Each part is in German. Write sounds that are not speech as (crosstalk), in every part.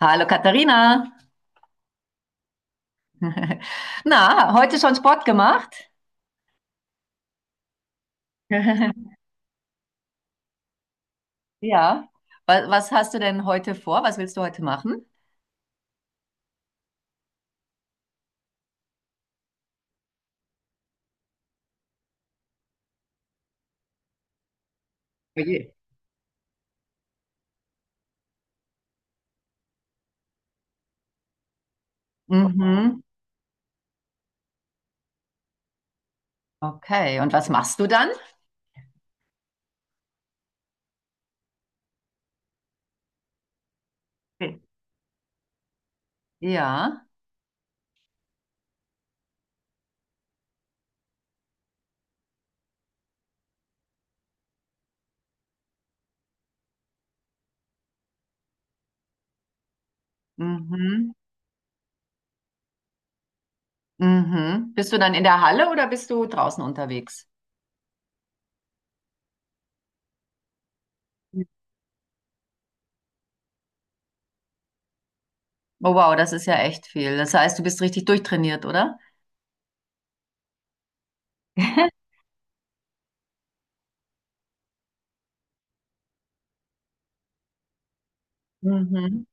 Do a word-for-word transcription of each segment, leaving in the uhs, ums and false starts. Hallo Katharina. (laughs) Na, heute schon Sport gemacht? (laughs) Ja. Was, was hast du denn heute vor? Was willst du heute machen? Oje. Mhm. Okay. Und was machst du dann? Okay. Ja. Mhm. Mhm. Bist du dann in der Halle oder bist du draußen unterwegs? Oh wow, das ist ja echt viel. Das heißt, du bist richtig durchtrainiert, oder? (laughs) Mhm.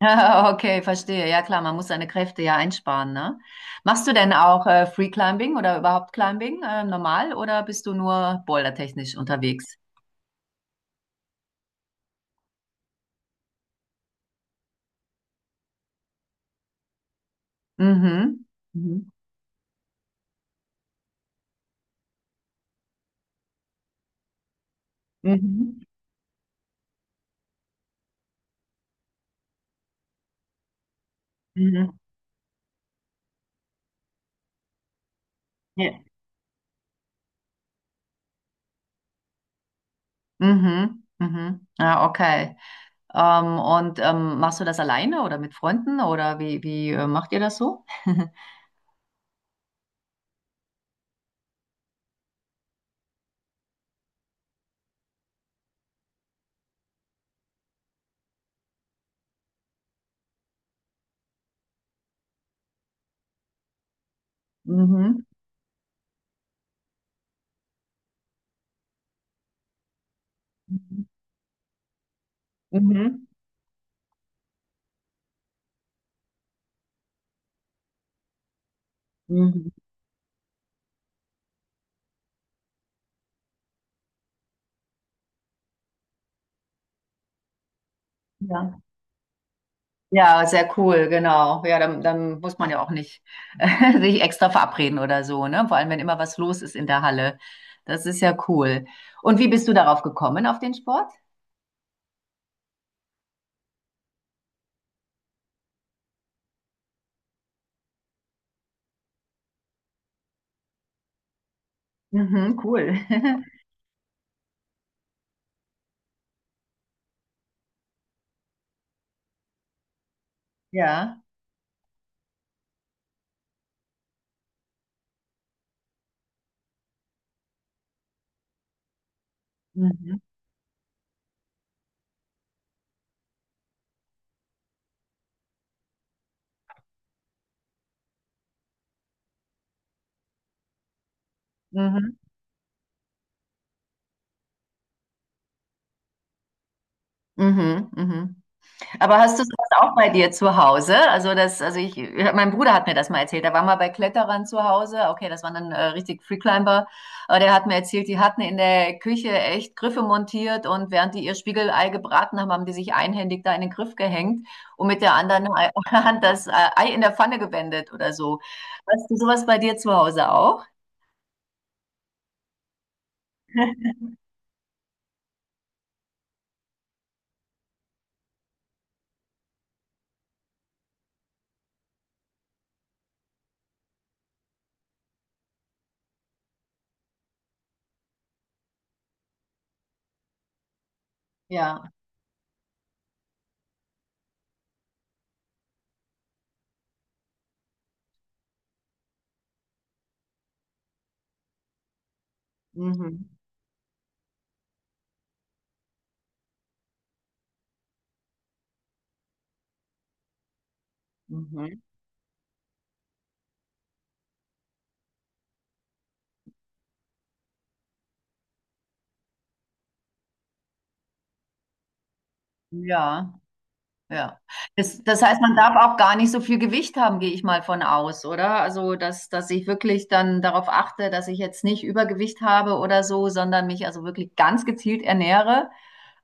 (laughs) Okay, verstehe. Ja klar, man muss seine Kräfte ja einsparen, ne? Machst du denn auch äh, Free Climbing oder überhaupt Climbing äh, normal oder bist du nur bouldertechnisch unterwegs? Mhm. Mhm. Mhm. Mhm. Ja. Mhm. Mhm. Ja, okay. Ähm, und ähm, machst du das alleine oder mit Freunden oder wie, wie äh, macht ihr das so? (laughs) Mhm. Mhm. Mhm. Mhm. Ja. Ja, sehr cool, genau. Ja, dann, dann muss man ja auch nicht (laughs) sich extra verabreden oder so, ne? Vor allem, wenn immer was los ist in der Halle. Das ist ja cool. Und wie bist du darauf gekommen, auf den Sport? Mhm, cool. (laughs) Ja. Mhm, mhm, mhm, mhm. Aber hast du sowas auch bei dir zu Hause? Also das, also ich, mein Bruder hat mir das mal erzählt. Er war mal bei Kletterern zu Hause. Okay, das waren dann äh, richtig Freeclimber. Aber der hat mir erzählt, die hatten in der Küche echt Griffe montiert, und während die ihr Spiegelei gebraten haben, haben die sich einhändig da in den Griff gehängt und mit der anderen Ei- (laughs) Hand das äh, Ei in der Pfanne gewendet oder so. Hast du sowas bei dir zu Hause auch? Ja. Mhm. Mhm. Ja. Ja. Das, das heißt, man darf auch gar nicht so viel Gewicht haben, gehe ich mal von aus, oder? Also, dass, dass ich wirklich dann darauf achte, dass ich jetzt nicht Übergewicht habe oder so, sondern mich also wirklich ganz gezielt ernähre.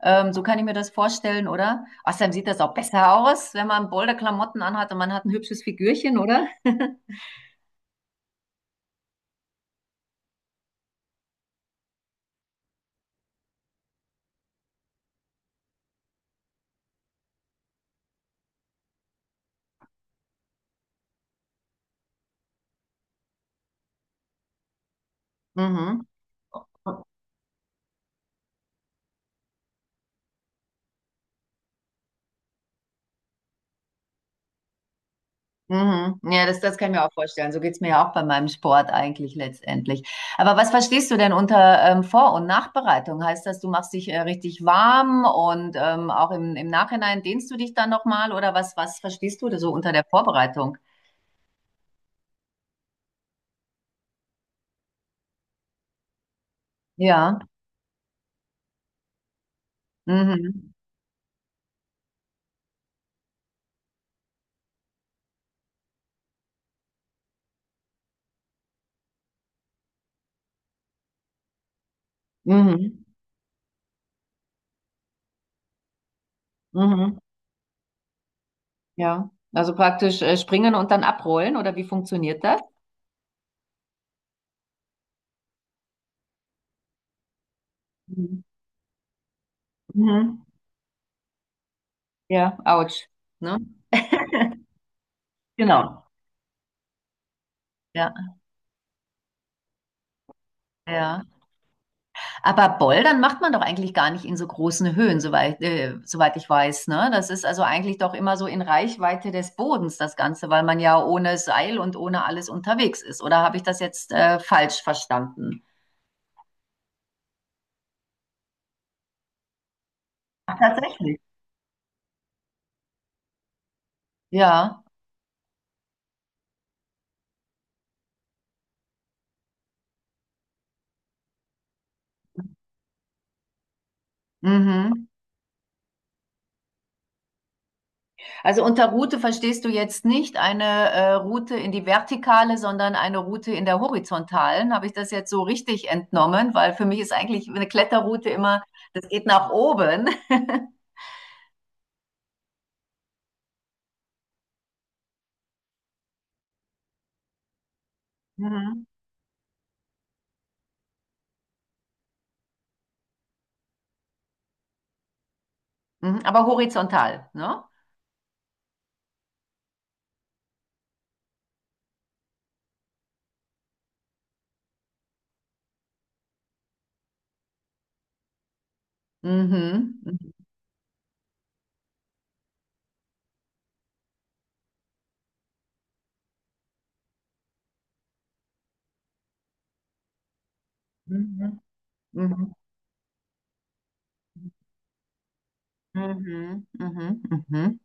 Ähm, so kann ich mir das vorstellen, oder? Außerdem sieht das auch besser aus, wenn man bolde Klamotten anhat und man hat ein hübsches Figürchen, oder? (laughs) Mhm. Mhm. Ja, das, das kann ich mir auch vorstellen. So geht's mir ja auch bei meinem Sport eigentlich letztendlich. Aber was verstehst du denn unter ähm, Vor- und Nachbereitung? Heißt das, du machst dich äh, richtig warm und ähm, auch im, im Nachhinein dehnst du dich dann nochmal, oder was, was verstehst du da so unter der Vorbereitung? Ja. Mhm. Mhm. Mhm. Ja. Also praktisch äh, springen und dann abrollen oder wie funktioniert das? Mhm. Mhm. Ja, ouch. Ne? Genau. Ja, ja. Aber Bouldern macht man doch eigentlich gar nicht in so großen Höhen, soweit, äh, soweit ich weiß, ne? Das ist also eigentlich doch immer so in Reichweite des Bodens, das Ganze, weil man ja ohne Seil und ohne alles unterwegs ist. Oder habe ich das jetzt äh, falsch verstanden? Tatsächlich. Ja. Mhm. Also unter Route verstehst du jetzt nicht eine äh, Route in die Vertikale, sondern eine Route in der Horizontalen. Habe ich das jetzt so richtig entnommen? Weil für mich ist eigentlich eine Kletterroute immer, das geht nach oben. (laughs) Mhm. Mhm. Aber horizontal, ne? Mhm. Mhm. Mhm. Mhm. Mhm. Mhm. Mhm.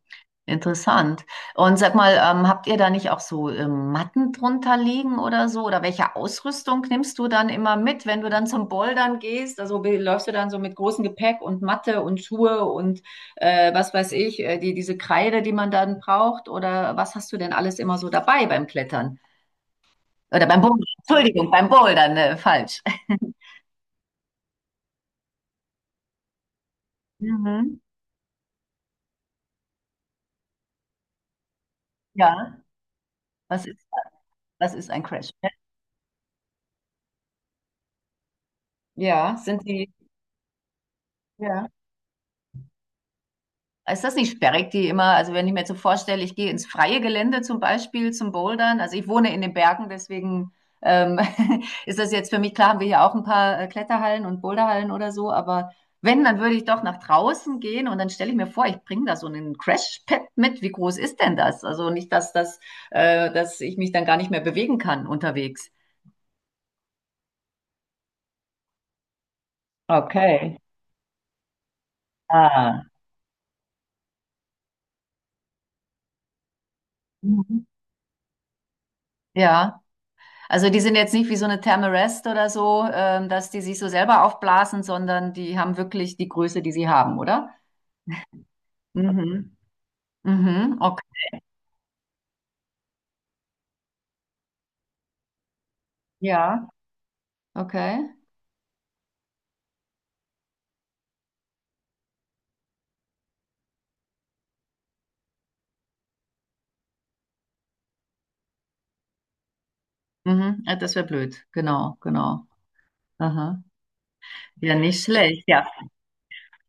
Interessant. Und sag mal, ähm, habt ihr da nicht auch so ähm, Matten drunter liegen oder so? Oder welche Ausrüstung nimmst du dann immer mit, wenn du dann zum Bouldern gehst? Also be- läufst du dann so mit großem Gepäck und Matte und Schuhe und äh, was weiß ich, äh, die, diese Kreide, die man dann braucht? Oder was hast du denn alles immer so dabei beim Klettern? Oder beim Bouldern? Entschuldigung, beim Bouldern, ne, falsch. (laughs) Mhm. Ja. Was ist, was ist ein Crash? Ja, sind die, ja. Ist das nicht sperrig, die immer, also wenn ich mir jetzt so vorstelle, ich gehe ins freie Gelände zum Beispiel zum Bouldern, also ich wohne in den Bergen, deswegen ähm, (laughs) ist das jetzt für mich klar, haben wir hier auch ein paar äh, Kletterhallen und Boulderhallen oder so, aber wenn, dann würde ich doch nach draußen gehen, und dann stelle ich mir vor, ich bringe da so einen Crash-Pad mit, wie groß ist denn das? Also nicht, dass, das, äh, dass ich mich dann gar nicht mehr bewegen kann unterwegs. Okay. Ah. Mhm. Ja. Also die sind jetzt nicht wie so eine Thermarest oder so, ähm, dass die sich so selber aufblasen, sondern die haben wirklich die Größe, die sie haben, oder? Mhm. Mhm. Okay. Ja, okay. Mhm. Ja, das wäre blöd. Genau, genau. Aha. Ja, nicht schlecht. Ja.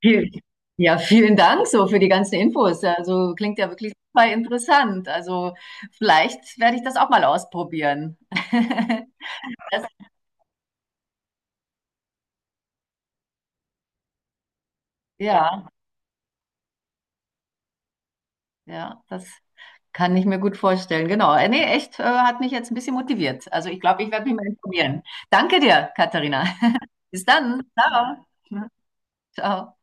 Viel, ja, vielen Dank so für die ganzen Infos. Also klingt ja wirklich super interessant. Also vielleicht werde ich das auch mal ausprobieren. (laughs) Das, ja, ja, das kann ich mir gut vorstellen. Genau. Äh, Nee, echt, äh, hat mich jetzt ein bisschen motiviert. Also ich glaube, ich werde mich mal informieren. Danke dir, Katharina. (laughs) Bis dann. Ciao. Ciao.